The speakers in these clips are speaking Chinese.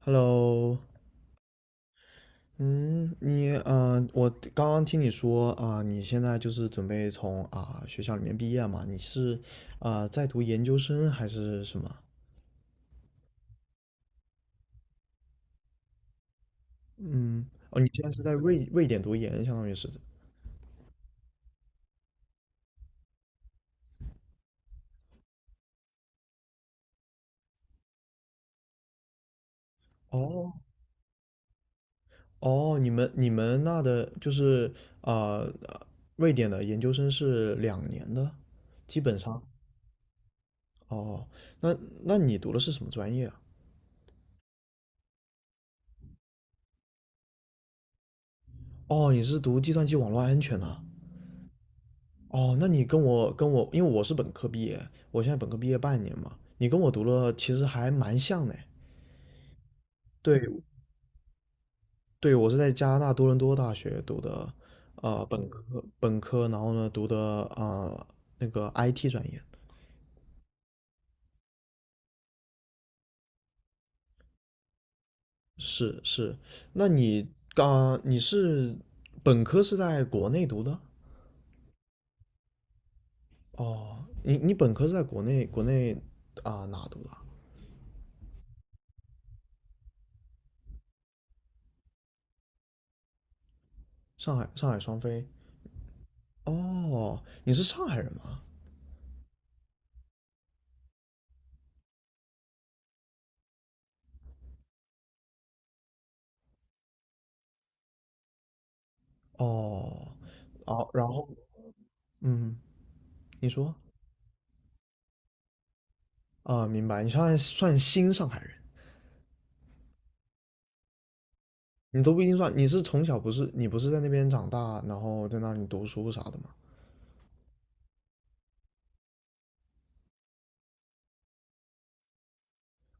Hello，嗯，我刚刚听你说啊、你现在就是准备学校里面毕业嘛？你是啊、在读研究生还是什么？嗯，哦，你现在是在瑞典读研，相当于是哦哦，你们那的就是啊、呃瑞典的研究生是两年的，基本上哦。那那你读的是什么专业啊？哦，你是读计算机网络安全的。哦，那你跟我，因为我是本科毕业，我现在本科毕业半年嘛，你跟我读了其实还蛮像的。对，对，我是在加拿大多伦多大学读的，本科然后呢读的那个 IT 专业。是是，那你你是本科是在国内读的？哦，你本科是在国内啊、哪读的啊上海双飞。哦，你是上海人吗？哦，哦，然后嗯，你说啊，明白。你算新上海人，你都不一定算。你是从小不是你不是在那边长大，然后在那里读书啥的吗？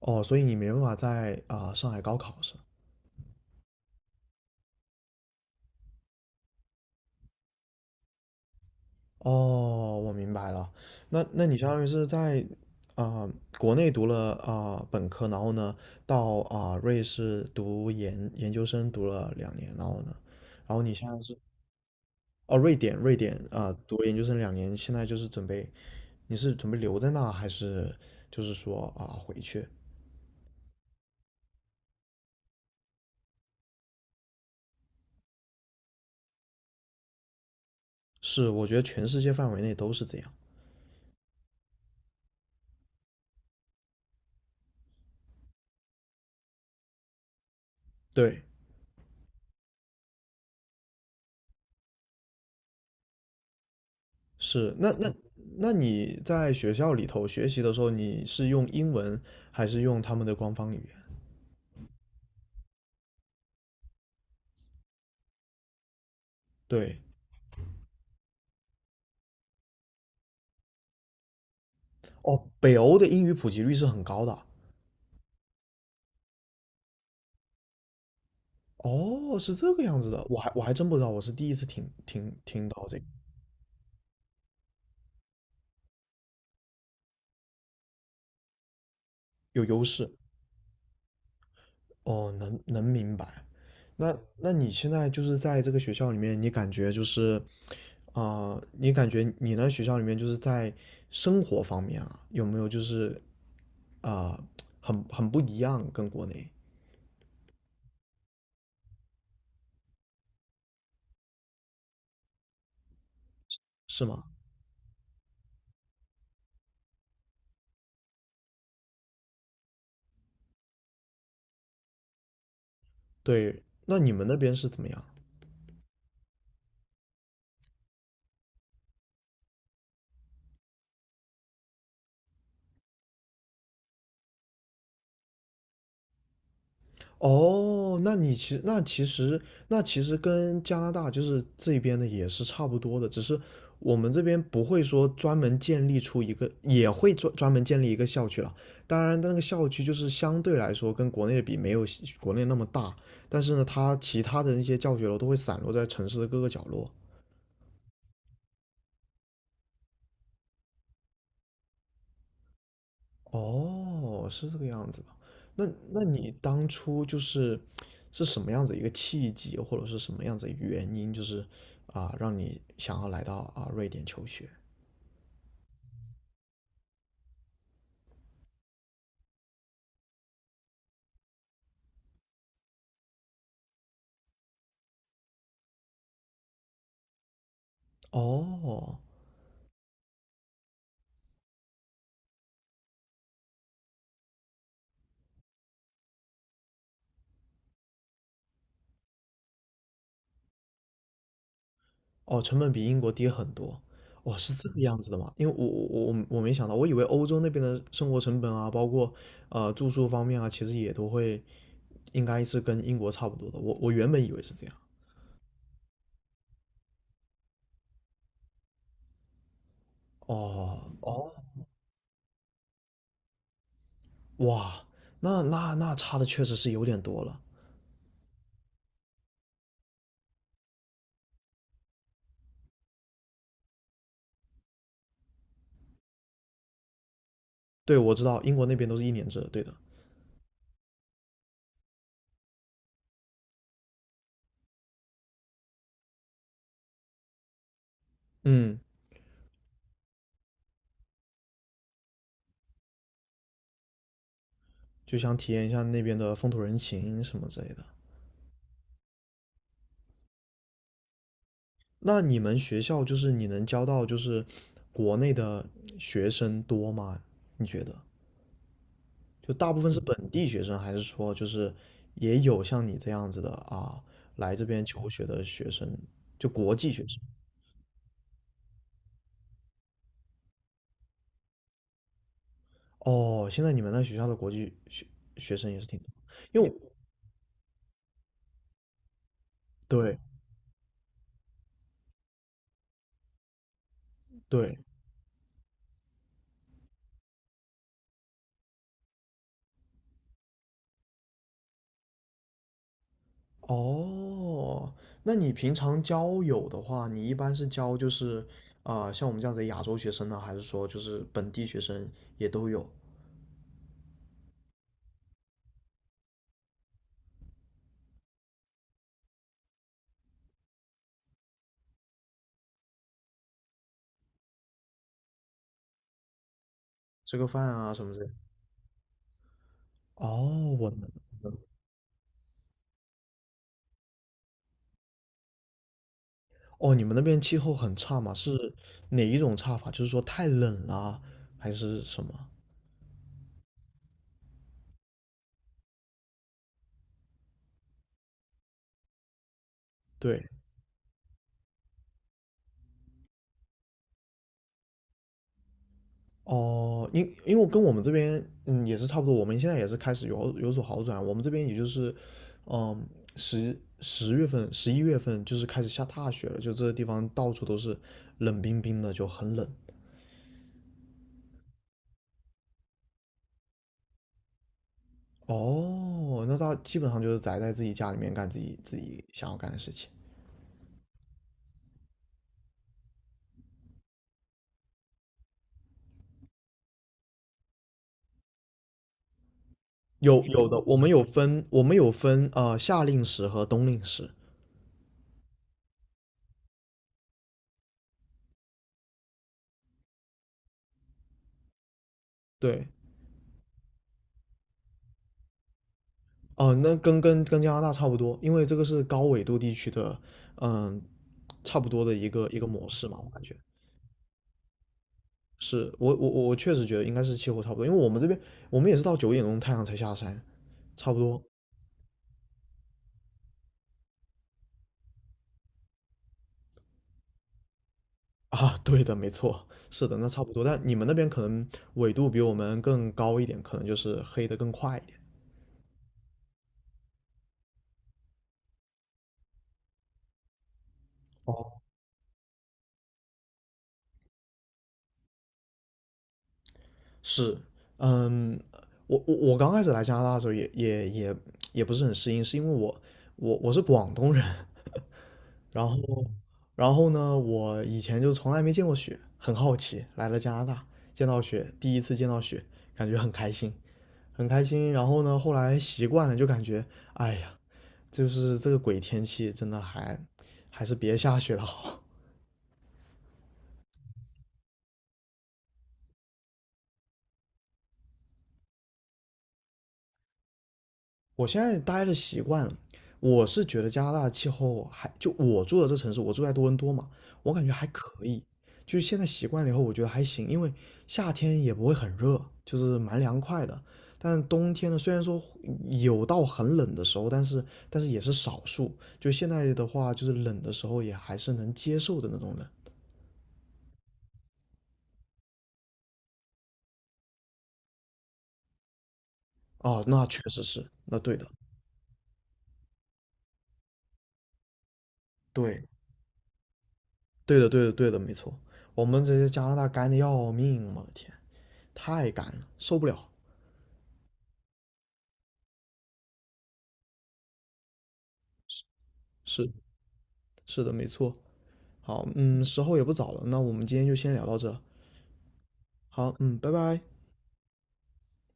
哦，所以你没办法在啊、上海高考是？哦，我明白了。那那你相当于是在啊、国内读了啊、本科，然后呢到啊、瑞士读研究生读了两年，然后呢，然后你现在是哦瑞典啊、读了研究生两年，现在就是准备你是准备留在那，还是就是说啊回去？是，我觉得全世界范围内都是这样。对，是。那那你在学校里头学习的时候，你是用英文还是用他们的官方语言？对，哦，北欧的英语普及率是很高的。哦，是这个样子的，我真不知道，我是第一次听到这个有优势。哦，明白。那那你现在就是在这个学校里面，你感觉就是啊、你感觉你那学校里面就是在生活方面啊，有没有就是啊、很不一样，跟国内是吗？对，那你们那边是怎么样？哦，那你其实那其实那其实跟加拿大就是这边的也是差不多的，只是我们这边不会说专门建立出一个，也会专门建立一个校区了。当然，那个校区就是相对来说跟国内的比没有国内那么大，但是呢，它其他的那些教学楼都会散落在城市的各个角落，哦，是这个样子的。那那你当初就是是什么样子一个契机，或者是什么样子的原因，就是啊，让你想要来到啊瑞典求学？哦哦，成本比英国低很多。哦，是这个样子的吗？因为我没想到，我以为欧洲那边的生活成本啊，包括呃住宿方面啊，其实也都会应该是跟英国差不多的。我原本以为是这样。哦，哇，那差的确实是有点多了。对，我知道英国那边都是一年制的，对的。嗯，就想体验一下那边的风土人情什么之类的。那你们学校就是你能教到就是国内的学生多吗？你觉得？就大部分是本地学生，还是说就是也有像你这样子的啊，来这边求学的学生，就国际学生？哦，现在你们那学校的国际学生也是挺多，因为我对对，哦，那你平常交友的话，你一般是交就是啊、像我们这样子的亚洲学生呢，还是说就是本地学生也都有，吃个饭啊什么之类的？哦，我们哦，你们那边气候很差嘛？是哪一种差法？就是说太冷了，还是什么？对，哦，因为我跟我们这边嗯也是差不多，我们现在也是开始有所好转。我们这边也就是嗯十月份、十一月份就是开始下大雪了，就这个地方到处都是冷冰冰的，就很冷。哦，那他基本上就是宅在自己家里面干自己想要干的事情。有的，我们有分，我们有分呃夏令时和冬令时。对，哦，那跟加拿大差不多，因为这个是高纬度地区的，嗯，差不多的一个模式嘛，我感觉是我确实觉得应该是气候差不多，因为我们这边我们也是到九点钟太阳才下山，差不多啊，对的，没错，是的，那差不多，但你们那边可能纬度比我们更高一点，可能就是黑的更快一点。哦，是，嗯，我刚开始来加拿大的时候也不是很适应，是因为我我是广东人，然后，然后呢，我以前就从来没见过雪，很好奇，来了加拿大，见到雪，第一次见到雪，感觉很开心，很开心。然后呢，后来习惯了，就感觉，哎呀，就是这个鬼天气，真的还还是别下雪了好。我现在待的习惯了，我是觉得加拿大的气候还就我住的这城市，我住在多伦多嘛，我感觉还可以。就是现在习惯了以后，我觉得还行，因为夏天也不会很热，就是蛮凉快的。但冬天呢，虽然说有到很冷的时候，但是但是也是少数。就现在的话，就是冷的时候也还是能接受的那种冷。哦，那确实是，那对的，对，对的，对的，对的，没错。我们这些加拿大干的要命，我的天，太干了，受不了。是是的，没错。好，嗯，时候也不早了，那我们今天就先聊到这。好，嗯，拜拜。